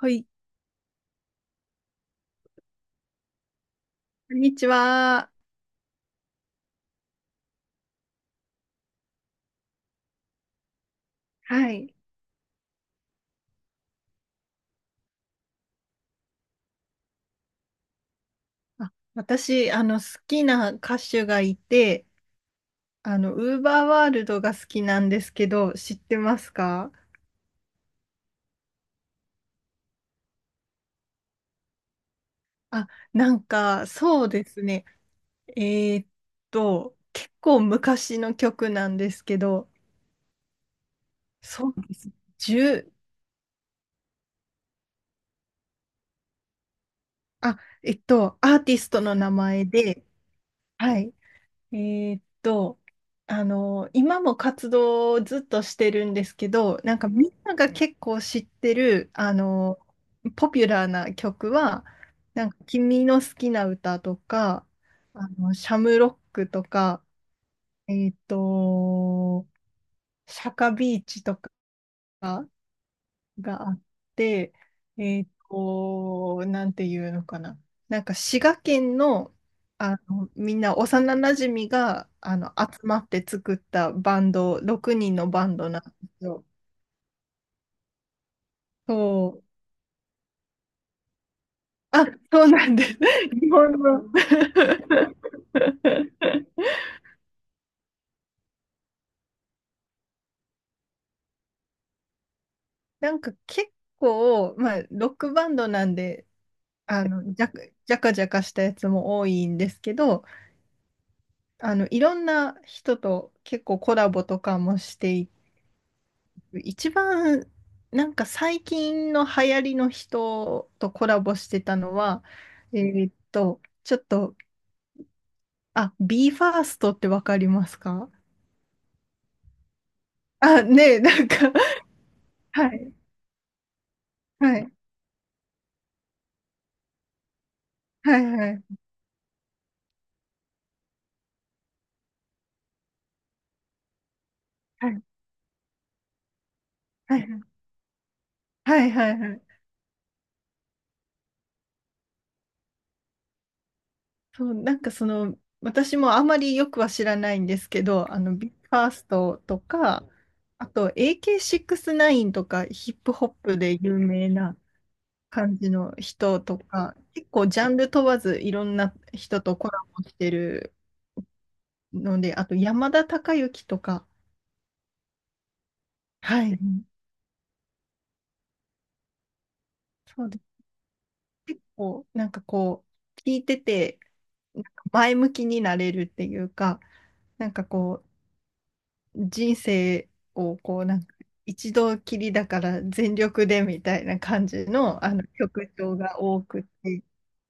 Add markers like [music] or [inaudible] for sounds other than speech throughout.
はい、こんにちは。はい。あ、私、好きな歌手がいて、ウーバーワールドが好きなんですけど、知ってますか？あ、なんか、そうですね。えーっ結構昔の曲なんですけど、そうです。10、あ、アーティストの名前で、はい。えーっと、今も活動をずっとしてるんですけど、なんかみんなが結構知ってる、ポピュラーな曲は、なんか君の好きな歌とか、シャムロックとか、えーっと、シャカビーチとか、があって、なんていうのかな。なんか滋賀県の、みんな幼なじみが集まって作ったバンド、6人のバンドなんですよ。そう。あ、そうなんです。[laughs] 日本の。[laughs] なんか結構、まあ、ロックバンドなんで、あの、じゃ、じゃかじゃかしたやつも多いんですけど、いろんな人と結構コラボとかもしてい一番なんか最近の流行りの人とコラボしてたのは、ちょっと、あ、b ファーストってわかりますか？あ、ねえ、なんか、はい、はい、はい、はい、はい、はい、はい、はいはい。そう、なんかその、私もあまりよくは知らないんですけど、b ファーストとか、あと AK69 とかヒップホップで有名な、感じの人とか、結構ジャンル問わずいろんな人とコラボしてるので、あと山田孝之とか、はい、うん。そうです。結構なんかこう、聞いてて、なんか前向きになれるっていうか、なんかこう、人生をこう、なんか一度きりだから全力でみたいな感じの、あの曲調が多くて、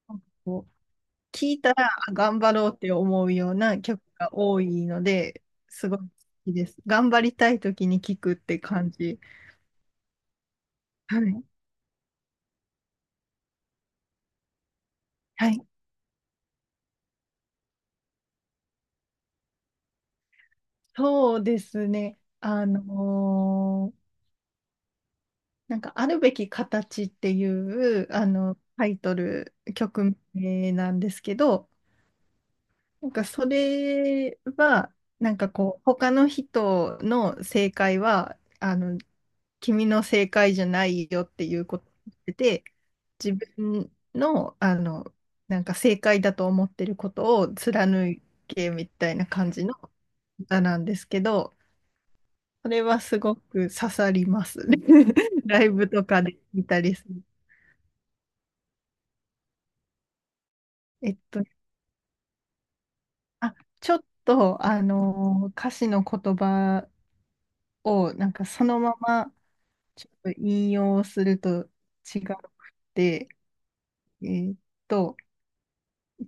なんかこう聞いたらあ頑張ろうって思うような曲が多いので、すごい好きです。頑張りたい時に聞くって感じ。はい。はい。そうですね。なんか、あるべき形っていう、タイトル、曲名なんですけど、なんかそれは、なんかこう、他の人の正解は、君の正解じゃないよっていうことで自分の、なんか正解だと思ってることを貫けみたいな感じの歌なんですけど、それはすごく刺さりますね。[laughs] ライブとかで見たりする。えっと、あ、ちょっと、歌詞の言葉を、なんかそのまま、ちょっと引用すると違くて、えーっと、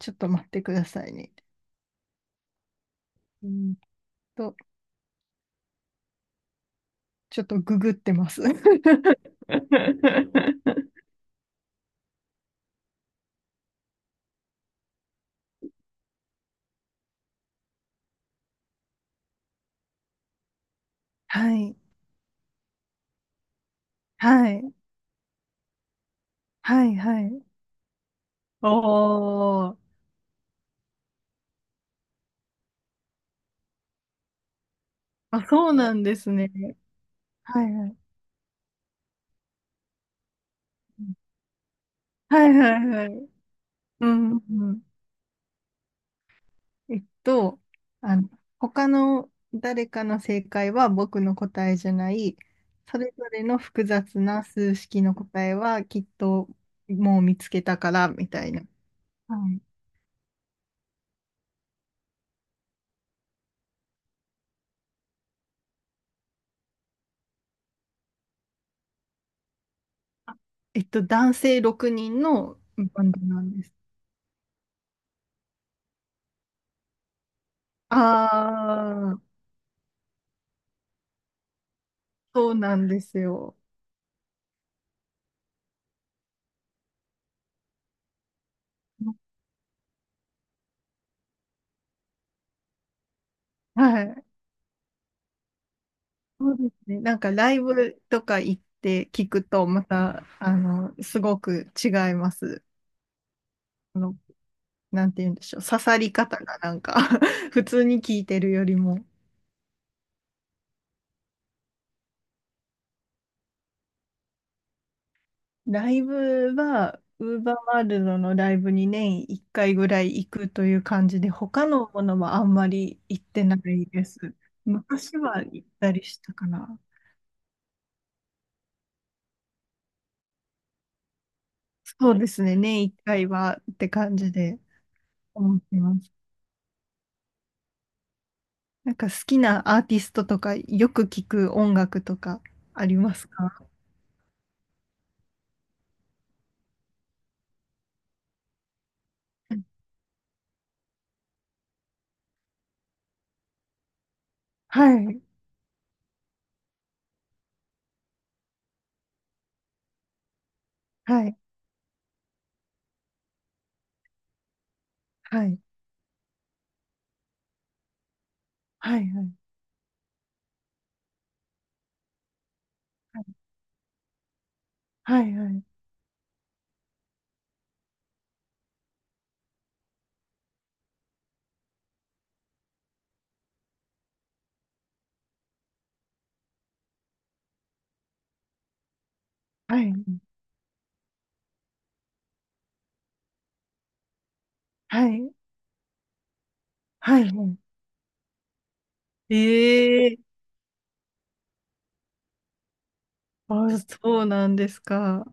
ちょっと待ってくださいね。うーんと、ちょっとググってます。[laughs] はい、はい、はい、はい。おー、あ、そうなんですね。はい、はい。はい、はい、はい。うん、うん。えっと、あの、他の誰かの正解は僕の答えじゃない、それぞれの複雑な数式の答えはきっともう見つけたからみたいな。はい。男性6人のバンドなんです。ああ、そうなんですよ。はい。そうですね。なんかライブとか行って聞くと、また、すごく違います。なんて言うんでしょう、刺さり方がなんか [laughs] 普通に聞いてるよりも。ライブは、ウーバーワールドのライブに年1回ぐらい行くという感じで、他のものはあんまり行ってないです。昔は行ったりしたかな。そうですね、年1回はって感じで思ってます。なんか好きなアーティストとか、よく聞く音楽とかありますか？はい、はい、はい、はい、はい、はい、はい、はい、はい。はいはいはいはい、はい。ええ。あ、そうなんですか？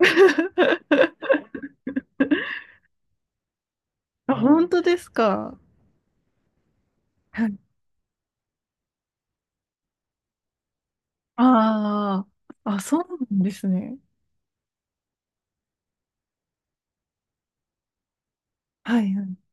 [laughs] あ、本当ですか？はい、ああ、あ、そうなんですね。はい、はい。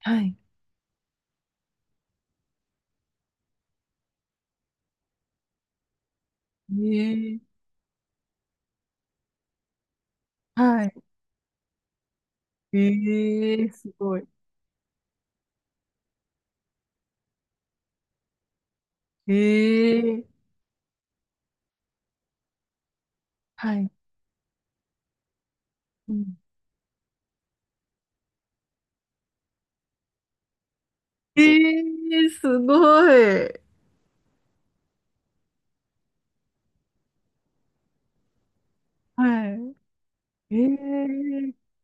はい。ええ。はい。ええ、すごい。ええ。はい。うん。ええ、すごい。はい。ええ。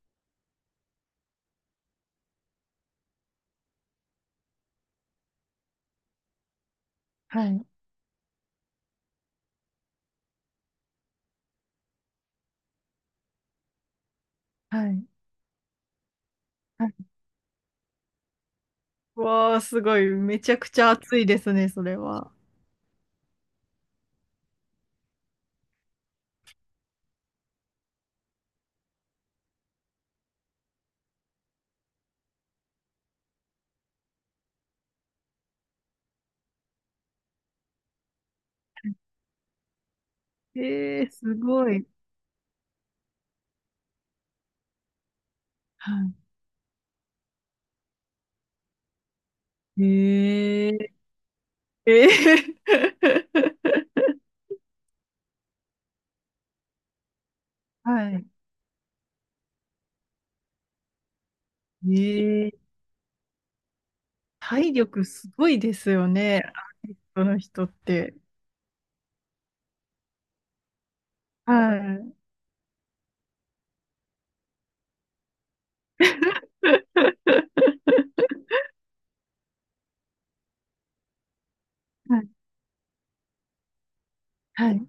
はい。はい。はい。わあ、すごい。めちゃくちゃ熱いですね、それは。ええ、すごい。はい。ええ。ええ。 [laughs] はい。ええ。体力すごいですよね。アーティストの人って。はい。はい。はい。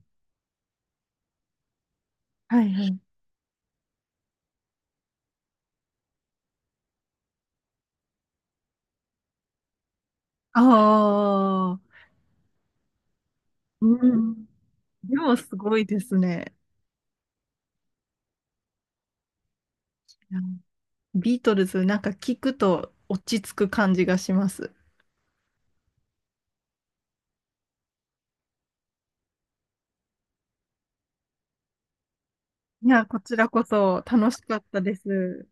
はい。はい。ああ。うん。でもすごいですね。いや、ビートルズ、なんか聞くと落ち着く感じがします。いや、こちらこそ楽しかったです。